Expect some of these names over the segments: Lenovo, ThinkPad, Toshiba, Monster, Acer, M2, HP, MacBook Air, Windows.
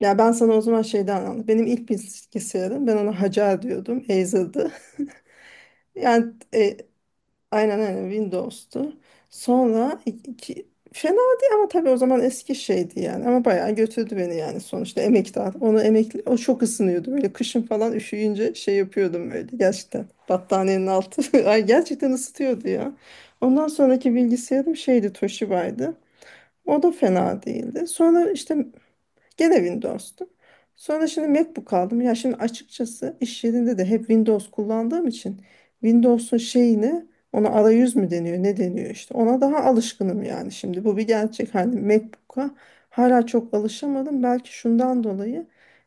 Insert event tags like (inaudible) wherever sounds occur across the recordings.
Ya ben sana o zaman şeyden anladım. Benim ilk bilgisayarım, ben ona Hacer diyordum. Acer'dı. (laughs) Yani aynen Windows'tu. Sonra iki, fena değil ama tabii o zaman eski şeydi yani. Ama bayağı götürdü beni, yani sonuçta emektar. Onu emekli, o çok ısınıyordu. Böyle kışın falan üşüyünce şey yapıyordum böyle gerçekten. Battaniyenin altı. (laughs) Ay gerçekten ısıtıyordu ya. Ondan sonraki bilgisayarım şeydi, Toshiba'ydı. O da fena değildi. Sonra işte gene Windows'tu. Sonra şimdi MacBook aldım. Ya şimdi açıkçası iş yerinde de hep Windows kullandığım için Windows'un şeyini, ona arayüz mü deniyor ne deniyor işte, ona daha alışkınım yani. Şimdi bu bir gerçek, hani MacBook'a hala çok alışamadım. Belki şundan dolayı,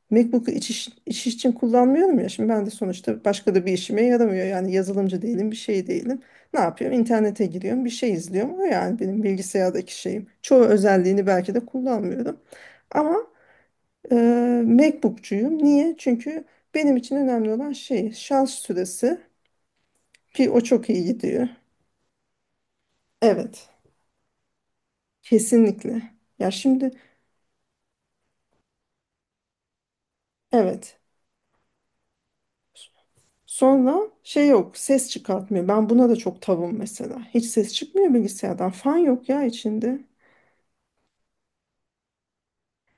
MacBook'u iş için kullanmıyorum ya, şimdi ben de sonuçta. Başka da bir işime yaramıyor yani, yazılımcı değilim, bir şey değilim. Ne yapıyorum? İnternete giriyorum, bir şey izliyorum. O yani, benim bilgisayardaki şeyim, çoğu özelliğini belki de kullanmıyorum. Ama MacBook'cuyum. Niye? Çünkü benim için önemli olan şey şans süresi, ki o çok iyi gidiyor. Evet. Kesinlikle. Ya şimdi, evet. Sonra şey yok, ses çıkartmıyor. Ben buna da çok tavım mesela. Hiç ses çıkmıyor bilgisayardan. Fan yok ya içinde.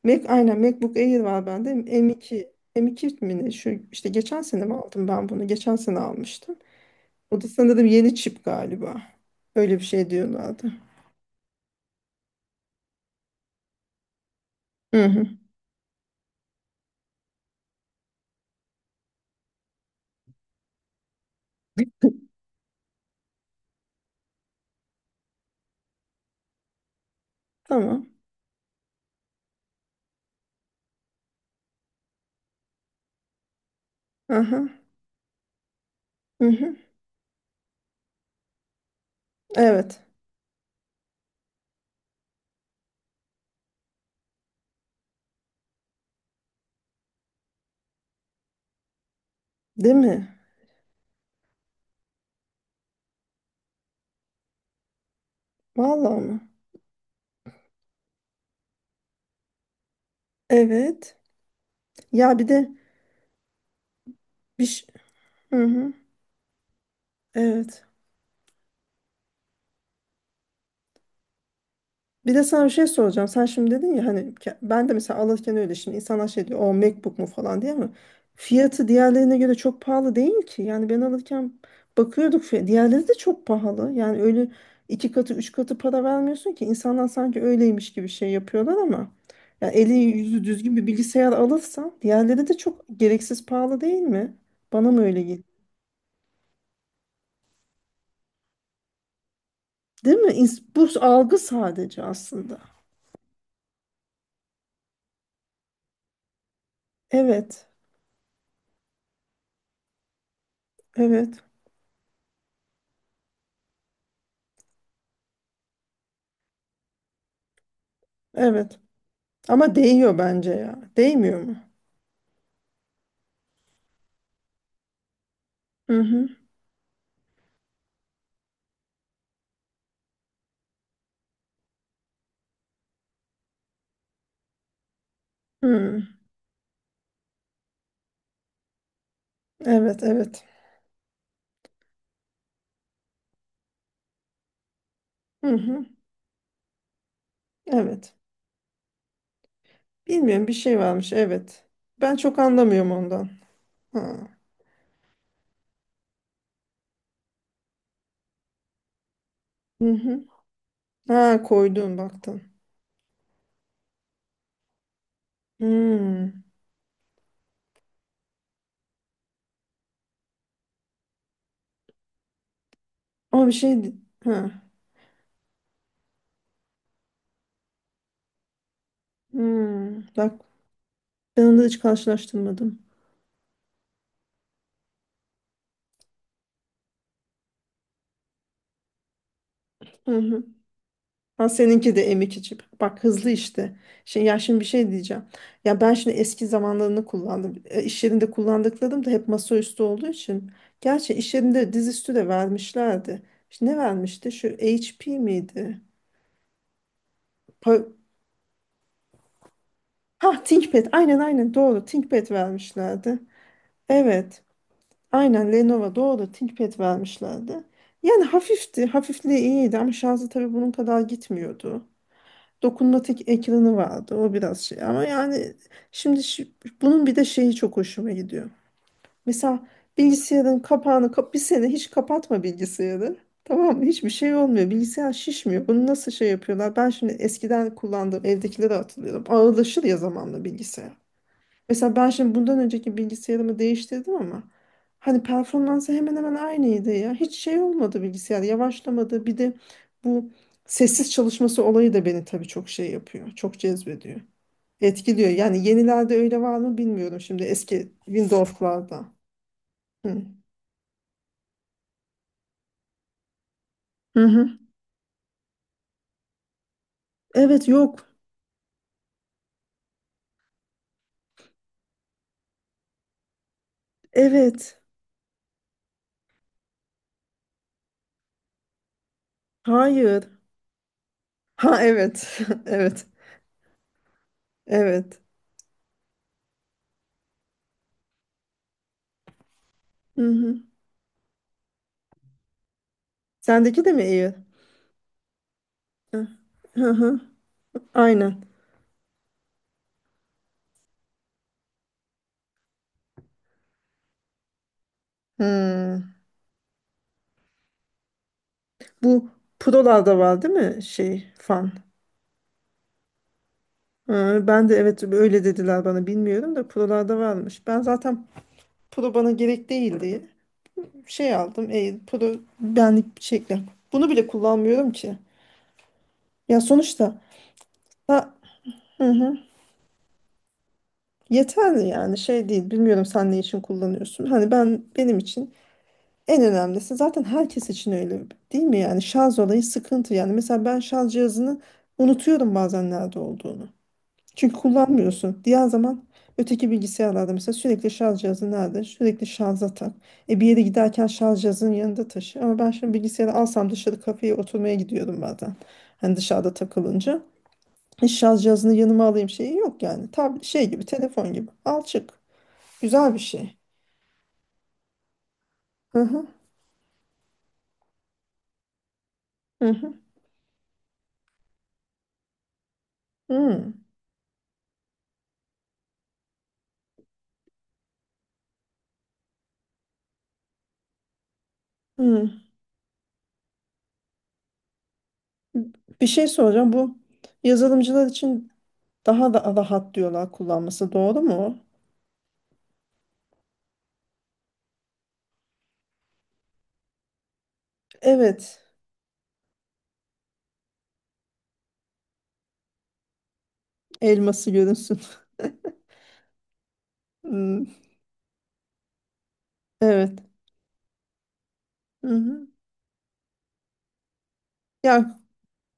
Mac, aynen, MacBook Air var bende. M2. M2 mi ne? Şu işte geçen sene mi aldım ben bunu? Geçen sene almıştım. O da sanırım yeni çip galiba. Öyle bir şey diyorlardı. Hı hı. Tamam. Aha. Hı hı. Evet. Değil mi? Vallahi mı? Evet. Ya bir de, bir ş- hı hı. Evet. Bir de sana bir şey soracağım. Sen şimdi dedin ya hani, ben de mesela alırken öyle. Şimdi insanlar şey diyor, "O MacBook mu?" falan diye, ama fiyatı diğerlerine göre çok pahalı değil ki. Yani ben alırken bakıyorduk, diğerleri de çok pahalı. Yani öyle iki katı, üç katı para vermiyorsun ki, insanlar sanki öyleymiş gibi şey yapıyorlar. Ama yani eli yüzü düzgün bir bilgisayar alırsan, diğerleri de çok gereksiz pahalı, değil mi? Bana mı öyle geliyor? Değil mi? Bu algı sadece aslında. Evet, evet, evet. Ama değiyor bence ya. Değmiyor mu? Hı hı. Hı. Evet, evet. Hı hı. Evet. Bilmiyorum, bir şey varmış. Evet. Ben çok anlamıyorum ondan. Ha. Hı hı. Ha, koydun, baktın. Hı. Ama bir şey. Ha. Hı. Bak, ben onu hiç karşılaştırmadım. Hı hı. Ha, seninki de M2 çip. Bak, hızlı işte. Şey, ya şimdi bir şey diyeceğim. Ya ben şimdi eski zamanlarını kullandım. İş yerinde kullandıklarım da hep masaüstü olduğu için. Gerçi iş yerinde dizüstü de vermişlerdi. İşte ne vermişti? Şu HP miydi? Pa ha, ThinkPad. Aynen doğru. ThinkPad vermişlerdi. Evet. Aynen, Lenovo, doğru. ThinkPad vermişlerdi. Yani hafifti. Hafifliği iyiydi, ama şarjı tabii bunun kadar gitmiyordu. Dokunmatik ekranı vardı. O biraz şey, ama yani şimdi şi- bunun bir de şeyi çok hoşuma gidiyor. Mesela bilgisayarın kapağını kap, bir sene hiç kapatma bilgisayarı. Tamam mı? Hiçbir şey olmuyor. Bilgisayar şişmiyor. Bunu nasıl şey yapıyorlar? Ben şimdi eskiden kullandığım evdekileri hatırlıyorum. Ağırlaşır ya zamanla bilgisayar. Mesela ben şimdi bundan önceki bilgisayarımı değiştirdim, ama hani performansı hemen hemen aynıydı ya. Hiç şey olmadı, bilgisayar yavaşlamadı. Bir de bu sessiz çalışması olayı da beni tabii çok şey yapıyor. Çok cezbediyor. Etkiliyor. Yani yenilerde öyle var mı bilmiyorum, şimdi eski Windows'larda. Hı. Hı hı. Evet, yok. Evet. Hayır. Ha, evet. (laughs) Evet. Evet. Hı hı. Sendeki de mi iyi? Hı hı. Hı. Aynen. Hı. Bu Pro'larda var değil mi şey, fan? Ben de evet, öyle dediler bana, bilmiyorum da Pro'larda varmış. Ben zaten Pro bana gerek değil diye şey aldım. Ey, Pro benlik bir şekli. Bunu bile kullanmıyorum ki. Ya sonuçta, ha, hı hı, yeterli yani, şey değil. Bilmiyorum sen ne için kullanıyorsun. Hani ben, benim için en önemlisi, zaten herkes için öyle değil mi, yani şarj olayı sıkıntı. Yani mesela ben şarj cihazını unutuyorum bazen nerede olduğunu. Çünkü kullanmıyorsun. Diğer zaman öteki bilgisayarlarda mesela sürekli şarj cihazı nerede? Sürekli şarja tak. E, bir yere giderken şarj cihazının yanında taşı. Ama ben şimdi bilgisayarı alsam, dışarı kafeye oturmaya gidiyorum bazen. Hani dışarıda takılınca. Hiç şarj cihazını yanıma alayım şeyi yok yani. Tab, şey gibi, telefon gibi. Al, çık. Güzel bir şey. Hı hı. Hı hı. Hı. Hı. Bir şey soracağım. Bu yazılımcılar için daha da rahat diyorlar kullanması. Doğru mu? Evet. Elması görünsün. (laughs) Evet. Hı hı. Ya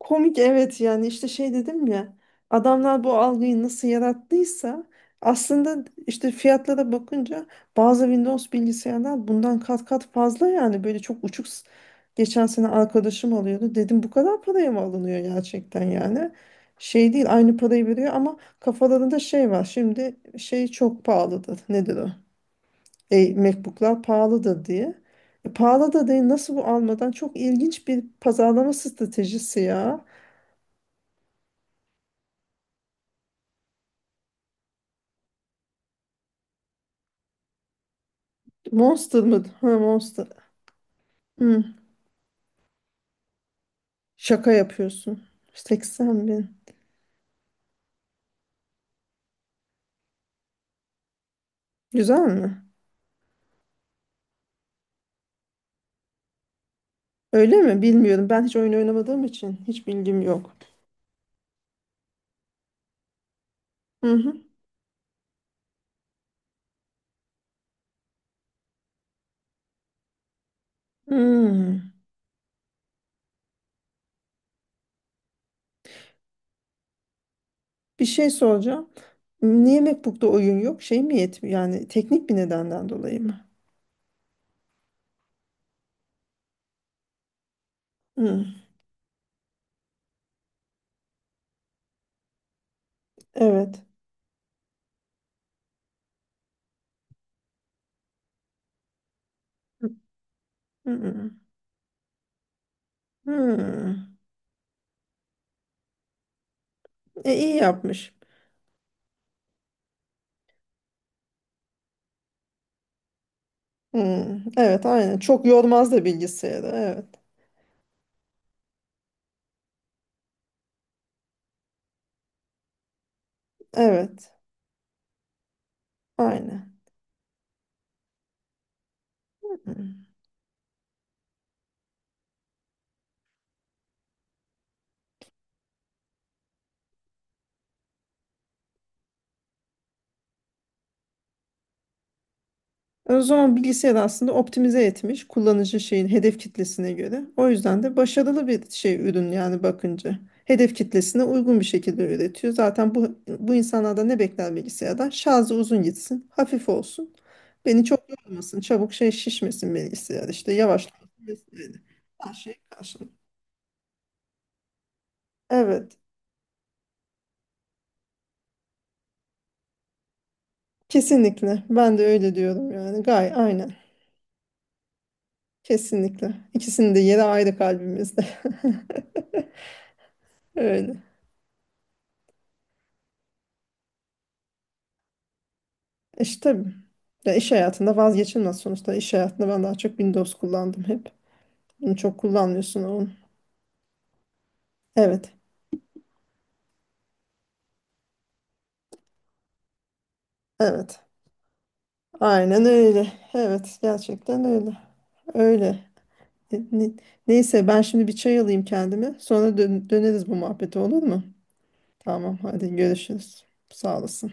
komik, evet. Yani işte şey dedim ya, adamlar bu algıyı nasıl yarattıysa, aslında işte fiyatlara bakınca bazı Windows bilgisayarlar bundan kat kat fazla. Yani böyle çok uçuk, geçen sene arkadaşım alıyordu, dedim bu kadar paraya mı alınıyor gerçekten yani. Şey değil, aynı parayı veriyor, ama kafalarında şey var şimdi, şey çok pahalıdır nedir o, MacBook'lar pahalı da diye. E, pahalı da değil. Nasıl bu almadan çok ilginç bir pazarlama stratejisi ya. Monster mı? Ha, Monster. Hı, şaka yapıyorsun. 80 bin. Güzel mi? Öyle mi? Bilmiyorum. Ben hiç oyun oynamadığım için hiç bilgim yok. Hı hı. Hmm. Bir şey soracağım. Niye MacBook'ta oyun yok? Şey mi yetmiyor? Yani teknik bir nedenden dolayı mı? Hı. Evet. Hı hı. Hı. E, iyi yapmış. Hmm, evet, aynen. Çok yormaz da bilgisayarı. Evet. Evet. Aynen. Hmm. O zaman bilgisayar aslında optimize etmiş kullanıcı şeyin hedef kitlesine göre. O yüzden de başarılı bir şey, ürün yani bakınca. Hedef kitlesine uygun bir şekilde üretiyor. Zaten bu insanlardan ne bekler bilgisayardan? Şarjı uzun gitsin, hafif olsun. Beni çok yormasın, çabuk şey şişmesin bilgisayar, işte yavaşlamasın, vesaire. Her şey karşılık. Evet, kesinlikle. Ben de öyle diyorum yani. Gay, aynen. Kesinlikle. İkisinin de yeri ayrı kalbimizde. (laughs) Öyle. E, İşte tabii. Ya iş hayatında vazgeçilmez sonuçta. İş hayatında ben daha çok Windows kullandım hep. Bunu çok kullanmıyorsun oğlum. Evet. Evet. Aynen öyle. Evet. Gerçekten öyle. Öyle. Ne- ne- Neyse, ben şimdi bir çay alayım kendime. Sonra döneriz bu muhabbete, olur mu? Tamam, hadi görüşürüz. Sağ olasın.